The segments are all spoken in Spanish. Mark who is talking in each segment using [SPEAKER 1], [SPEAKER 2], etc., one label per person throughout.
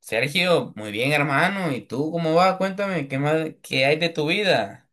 [SPEAKER 1] Sergio, muy bien, hermano. ¿Y tú cómo vas? Cuéntame, ¿qué más, qué hay de tu vida?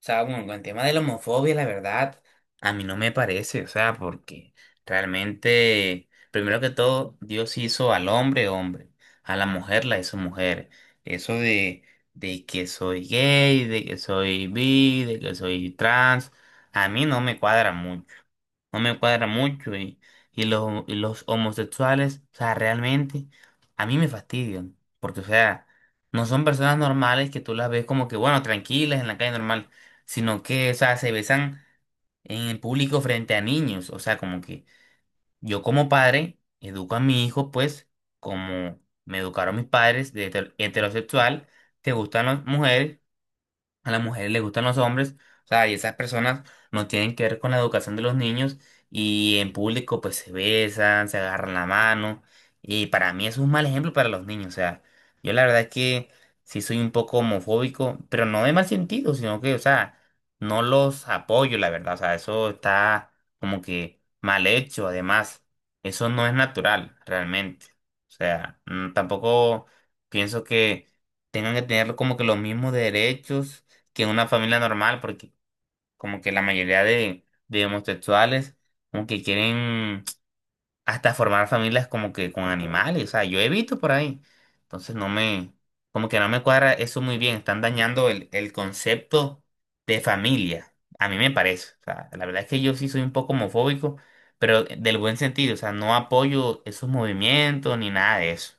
[SPEAKER 1] O sea, bueno, con el tema de la homofobia, la verdad, a mí no me parece, o sea, porque realmente, primero que todo, Dios hizo al hombre hombre, a la mujer la hizo mujer. Eso de que soy gay, de que soy bi, de que soy trans, a mí no me cuadra mucho no me cuadra mucho y los homosexuales, o sea, realmente a mí me fastidian, porque, o sea, no son personas normales que tú las ves como que, bueno, tranquilas en la calle normal sino que, o sea, se besan en el público frente a niños. O sea, como que yo como padre educo a mi hijo, pues, como me educaron mis padres de heterosexual, te gustan las mujeres a las mujeres les gustan los hombres, o sea, y esas personas no tienen que ver con la educación de los niños y en público pues se besan, se agarran la mano y para mí es un mal ejemplo para los niños, o sea, yo la verdad es que sí soy un poco homofóbico, pero no de mal sentido, sino que, o sea, no los apoyo, la verdad, o sea, eso está como que mal hecho, además, eso no es natural realmente, o sea, tampoco pienso que tengan que tener como que los mismos derechos que en una familia normal, porque como que la mayoría de homosexuales como que quieren hasta formar familias como que con animales, o sea, yo he visto por ahí. Entonces no me, como que no me cuadra eso muy bien, están dañando el concepto de familia, a mí me parece. O sea, la verdad es que yo sí soy un poco homofóbico, pero del buen sentido, o sea, no apoyo esos movimientos ni nada de eso.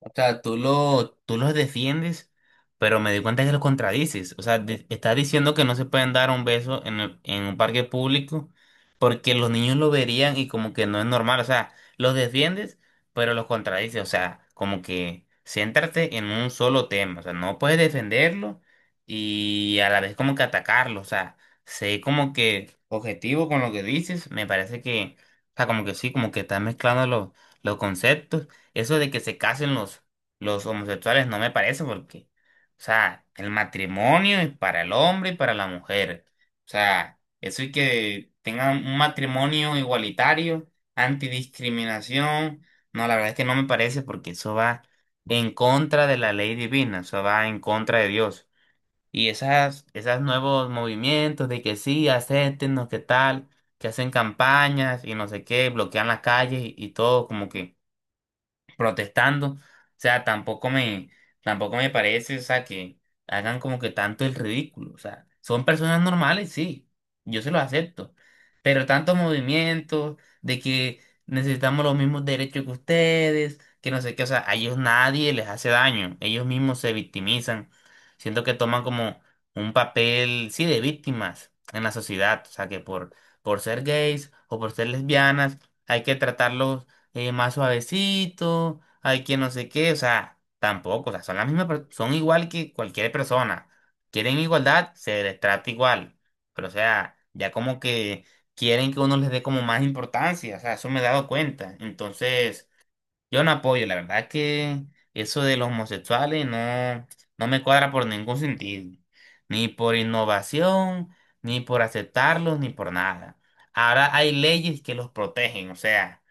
[SPEAKER 1] O sea, tú lo, tú los defiendes, pero me di cuenta que los contradices. O sea, estás diciendo que no se pueden dar un beso en un parque público porque los niños lo verían y como que no es normal. O sea, los defiendes, pero los contradices. O sea, como que céntrate en un solo tema. O sea, no puedes defenderlo y a la vez como que atacarlo. O sea, sé como que objetivo con lo que dices. Me parece que, o sea, como que sí, como que estás mezclando los conceptos. Eso de que se casen los homosexuales no me parece porque, o sea, el matrimonio es para el hombre y para la mujer. O sea, eso y que tengan un matrimonio igualitario, antidiscriminación, no, la verdad es que no me parece porque eso va en contra de la ley divina, eso va en contra de Dios. Y esas, esos nuevos movimientos de que sí, acéptenos, qué tal, que hacen campañas y no sé qué, bloquean las calles y todo como que protestando. O sea, tampoco me parece, o sea, que hagan como que tanto el ridículo. O sea, son personas normales, sí, yo se los acepto. Pero tantos movimientos de que necesitamos los mismos derechos que ustedes, que no sé qué, o sea, a ellos nadie les hace daño, ellos mismos se victimizan. Siento que toman como un papel, sí, de víctimas en la sociedad, o sea, que por ser gays o por ser lesbianas hay que tratarlos más suavecito, hay que no sé qué, o sea, tampoco, o sea, son las mismas, son igual que cualquier persona. Quieren igualdad, se les trata igual, pero o sea, ya como que quieren que uno les dé como más importancia, o sea, eso me he dado cuenta. Entonces, yo no apoyo, la verdad que eso de los homosexuales no, no me cuadra por ningún sentido, ni por innovación, ni por aceptarlos, ni por nada. Ahora hay leyes que los protegen, o sea.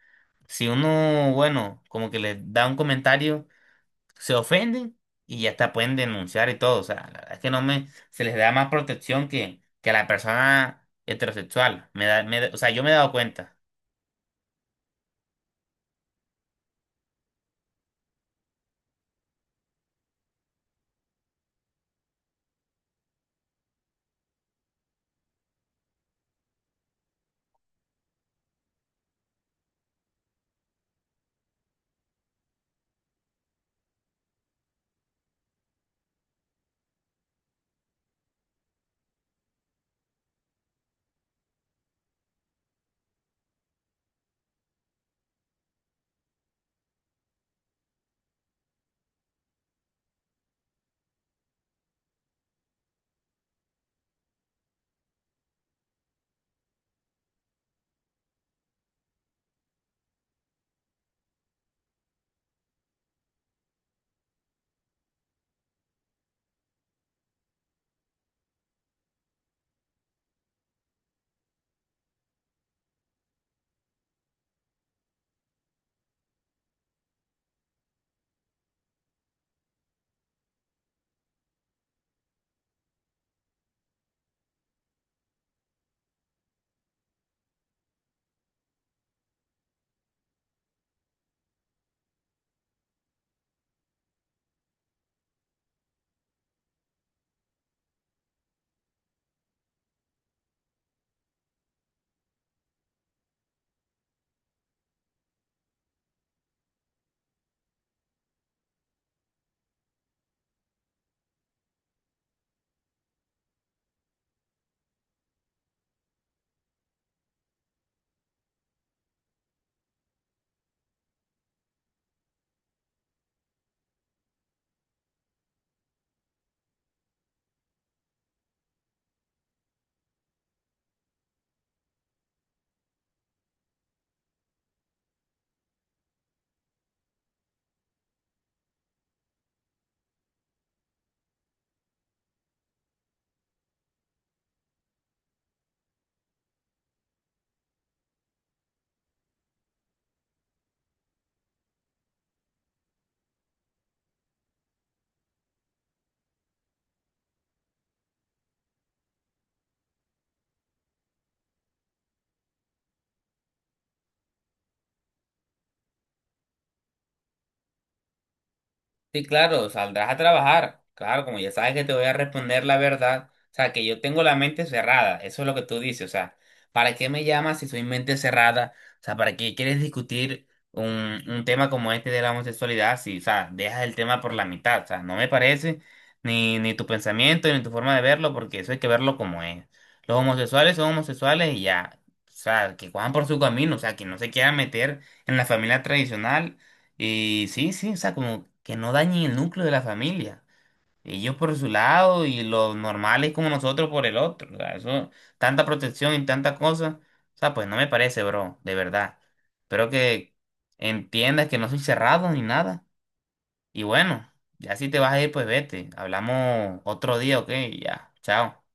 [SPEAKER 1] Si uno, bueno, como que le da un comentario, se ofenden y ya hasta pueden denunciar y todo. O sea, la verdad es que no me, se les da más protección que a la persona heterosexual. O sea, yo me he dado cuenta. Sí, claro, saldrás a trabajar. Claro, como ya sabes que te voy a responder la verdad, o sea, que yo tengo la mente cerrada, eso es lo que tú dices, o sea, ¿para qué me llamas si soy mente cerrada? O sea, ¿para qué quieres discutir un tema como este de la homosexualidad si, o sea, dejas el tema por la mitad? O sea, no me parece ni tu pensamiento ni tu forma de verlo, porque eso hay que verlo como es. Los homosexuales son homosexuales y ya, o sea, que cojan por su camino, o sea, que no se quieran meter en la familia tradicional y sí, sí, o sea, como que no dañen el núcleo de la familia. Ellos por su lado y los normales como nosotros por el otro. O sea, eso, tanta protección y tanta cosa. O sea, pues no me parece, bro, de verdad. Espero que entiendas que no soy cerrado ni nada. Y bueno, ya si te vas a ir, pues vete. Hablamos otro día, ¿ok? Ya, chao.